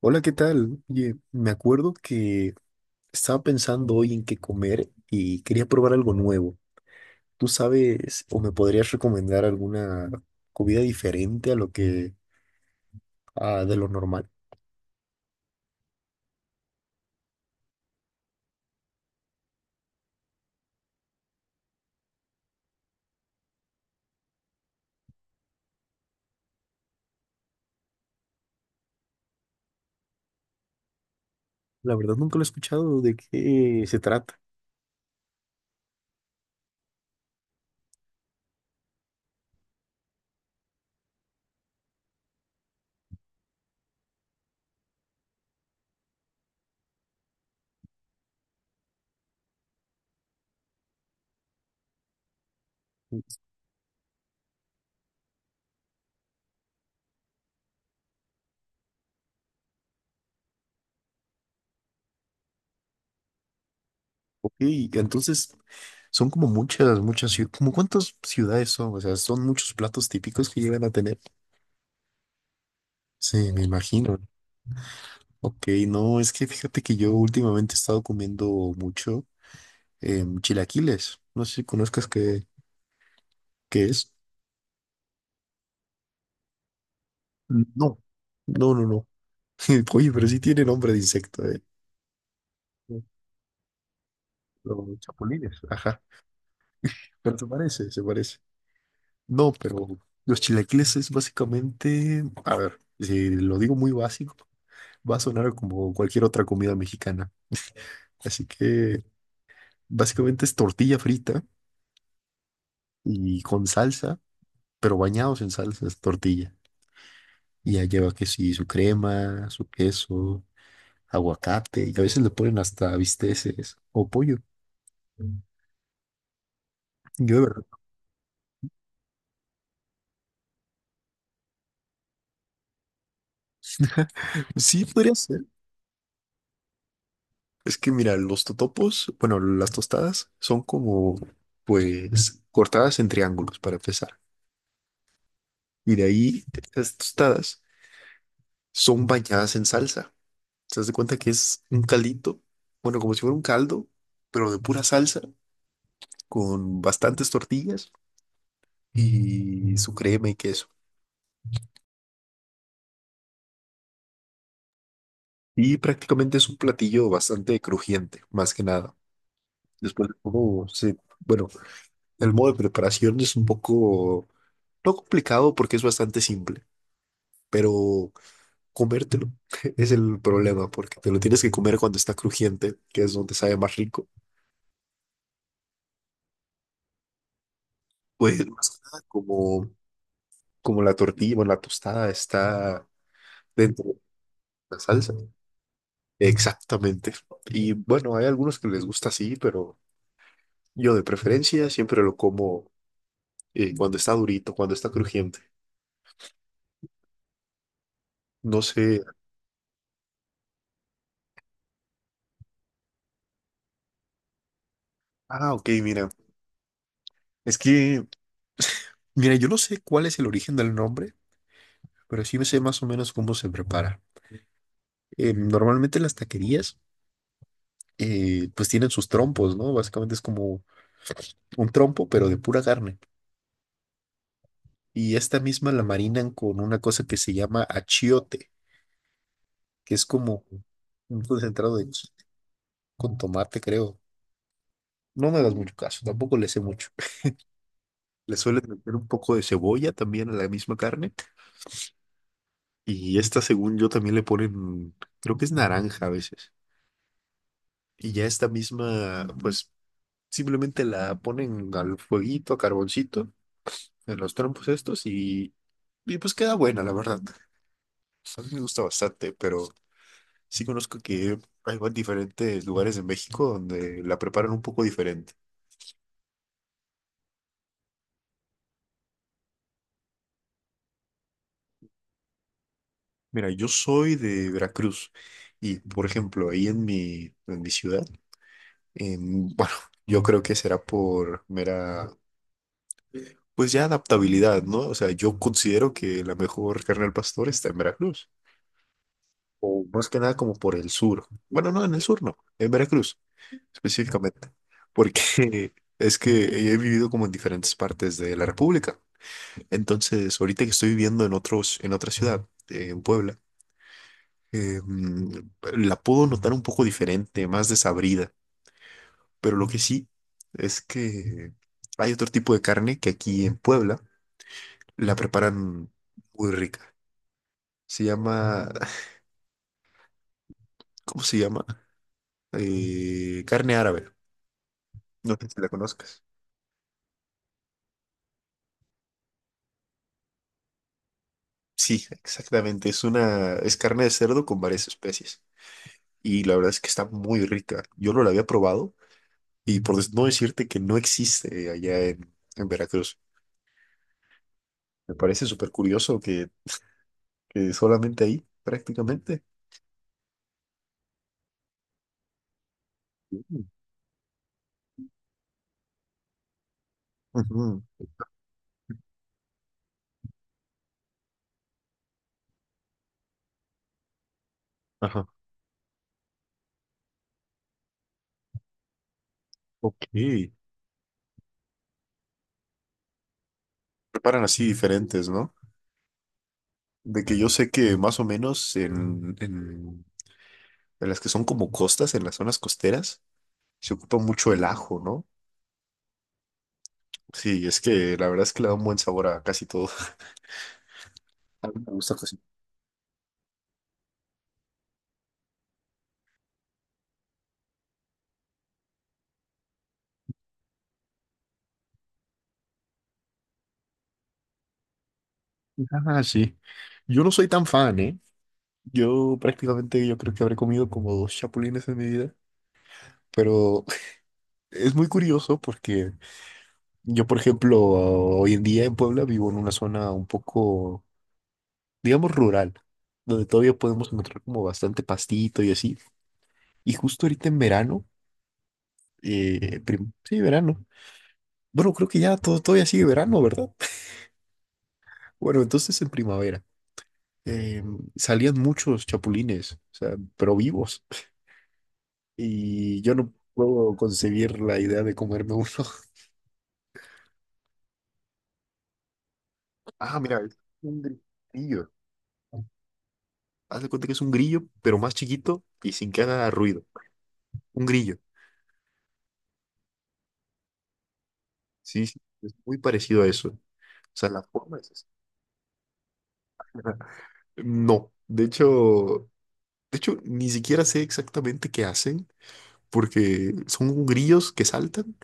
Hola, ¿qué tal? Oye, me acuerdo que estaba pensando hoy en qué comer y quería probar algo nuevo. ¿Tú sabes o me podrías recomendar alguna comida diferente a lo que de lo normal? La verdad nunca lo he escuchado de qué se trata. Ok, entonces son como muchas, muchas ciudades. ¿Como cuántas ciudades son? O sea, son muchos platos típicos que llegan a tener. Sí, me imagino. Ok, no, es que fíjate que yo últimamente he estado comiendo mucho. Chilaquiles. No sé si conozcas qué es. No, no, no, no. Oye, pero sí tiene nombre de insecto, ¿eh? Los chapulines, ajá. Pero se parece, se parece. No, pero los chilaquiles es básicamente, a ver, si lo digo muy básico, va a sonar como cualquier otra comida mexicana. Así que básicamente es tortilla frita y con salsa, pero bañados en salsa es tortilla. Y ya lleva que sí, su crema, su queso, aguacate y a veces le ponen hasta bisteces o pollo. Yo de verdad. Sí, podría ser. Es que mira, los totopos, bueno, las tostadas son como, pues, cortadas en triángulos para empezar. Y de ahí, las tostadas son bañadas en salsa. ¿Te das de cuenta que es un caldito? Bueno, como si fuera un caldo, pero de pura salsa, con bastantes tortillas y su crema y queso. Y prácticamente es un platillo bastante crujiente, más que nada. Después, oh, sí. Bueno, el modo de preparación es un poco, no complicado porque es bastante simple, pero comértelo es el problema porque te lo tienes que comer cuando está crujiente, que es donde sabe más rico. Pues más que nada, como, como la tortilla, bueno, la tostada está dentro de la salsa. Exactamente. Y bueno, hay algunos que les gusta así, pero yo de preferencia siempre lo como cuando está durito, cuando está crujiente. No sé. Ah, ok, mira. Es que Mira, yo no sé cuál es el origen del nombre, pero sí me sé más o menos cómo se prepara. Normalmente las taquerías, pues tienen sus trompos, ¿no? Básicamente es como un trompo, pero de pura carne. Y esta misma la marinan con una cosa que se llama achiote, que es como un concentrado de con tomate, creo. No me das mucho caso, tampoco le sé mucho. Le suelen meter un poco de cebolla también a la misma carne. Y esta, según yo, también le ponen, creo que es naranja a veces. Y ya esta misma, pues simplemente la ponen al fueguito, a carboncito, en los trompos estos y pues queda buena, la verdad. A mí me gusta bastante, pero sí conozco que diferentes lugares en México donde la preparan un poco diferente. Mira, yo soy de Veracruz y, por ejemplo, ahí en en mi ciudad, bueno, yo creo que será por mera, pues ya adaptabilidad, ¿no? O sea, yo considero que la mejor carne al pastor está en Veracruz, o más que nada como por el sur. Bueno, no, en el sur no, en Veracruz específicamente, porque es que he vivido como en diferentes partes de la República. Entonces, ahorita que estoy viviendo en en otra ciudad, en Puebla, eh, mm, la puedo notar un poco diferente, más desabrida, pero lo que sí es que hay otro tipo de carne que aquí en Puebla la preparan muy rica. Se llama, ¿cómo se llama? Carne árabe. No sé si la conozcas. Sí, exactamente. Es carne de cerdo con varias especies. Y la verdad es que está muy rica. Yo no la había probado y no decirte que no existe allá en Veracruz. Me parece súper curioso que solamente ahí, prácticamente. Sí. Ujú. Ajá. Ok. Preparan así diferentes, ¿no? De que yo sé que más o menos en las que son como costas, en las zonas costeras, se ocupa mucho el ajo, ¿no? Sí, es que la verdad es que le da un buen sabor a casi todo. A mí me gusta cocinar. Ah, sí. Yo no soy tan fan, ¿eh? Yo prácticamente yo creo que habré comido como dos chapulines en mi vida, pero es muy curioso porque yo, por ejemplo, hoy en día en Puebla vivo en una zona un poco, digamos, rural, donde todavía podemos encontrar como bastante pastito y así. Y justo ahorita en verano, sí, verano. Bueno, creo que ya todo, todavía sigue verano, ¿verdad? Bueno, entonces en primavera. eh, Salían muchos chapulines, o sea, pero vivos, y yo no puedo concebir la idea de comerme uno. Ah, mira, es un grillo. Haz de cuenta que es un grillo, pero más chiquito y sin que haga ruido. Un grillo. Sí, sí, es muy parecido a eso. O sea, la forma es esa. No, de hecho, ni siquiera sé exactamente qué hacen, porque son grillos que saltan,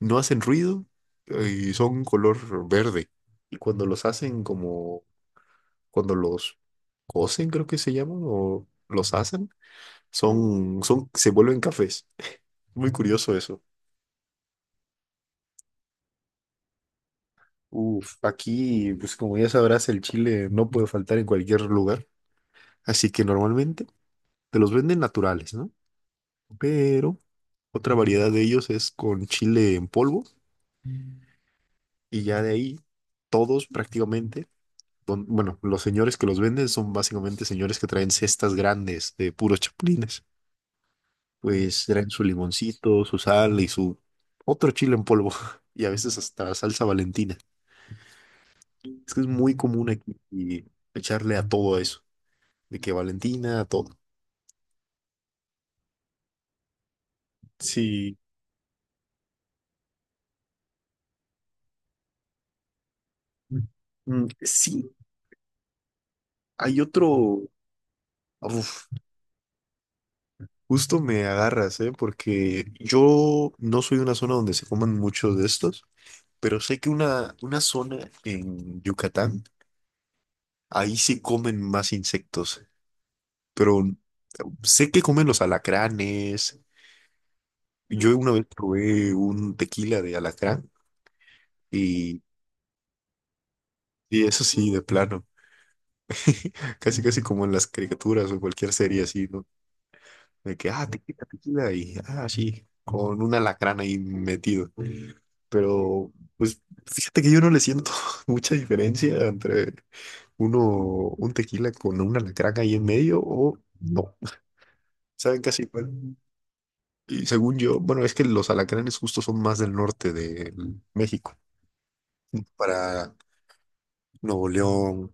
no hacen ruido y son color verde. Y cuando los hacen como cuando los cocen, creo que se llaman, o los hacen, se vuelven cafés. Muy curioso eso. Uf, aquí, pues como ya sabrás, el chile no puede faltar en cualquier lugar. Así que normalmente te los venden naturales, ¿no? Pero otra variedad de ellos es con chile en polvo y ya de ahí todos prácticamente, bueno, los señores que los venden son básicamente señores que traen cestas grandes de puros chapulines, pues traen su limoncito, su sal y su otro chile en polvo y a veces hasta salsa Valentina. Es que es muy común aquí y echarle a todo eso, de que Valentina, a todo. Sí, mm, sí, hay otro, uf, justo me agarras, ¿eh? Porque yo no soy de una zona donde se coman muchos de estos, pero sé que una zona en Yucatán, ahí sí comen más insectos, pero... Sé que comen los alacranes. Yo una vez probé un tequila de alacrán y, y eso sí, de plano. Casi, casi como en las caricaturas o cualquier serie así, ¿no? De que, ah, tequila, tequila y, ah, sí, con un alacrán ahí metido. Pero, pues, fíjate que yo no le siento mucha diferencia entre uno, un tequila con un alacrán ahí en medio o no. Saben casi igual. Y según yo, bueno, es que los alacranes justo son más del norte de México. Para Nuevo León,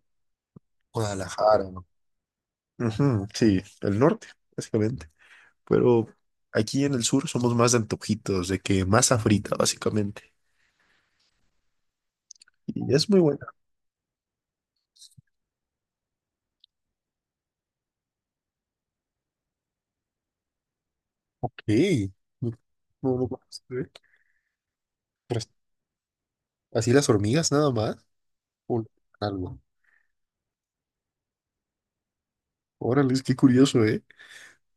Guadalajara. Ujú, sí, el norte, básicamente. Pero aquí en el sur somos más de antojitos, de que masa frita, básicamente. Y es muy buena. Ok. Mm, no- no lo conozco, ¿eh? Pero es- Así las hormigas nada más. O no, algo. Órale, es que curioso, ¿eh?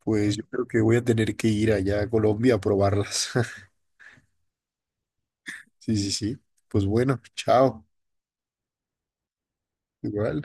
Pues yo creo que voy a tener que ir allá a Colombia a probarlas. Sí, sí, sí. Pues bueno, chao. Igual.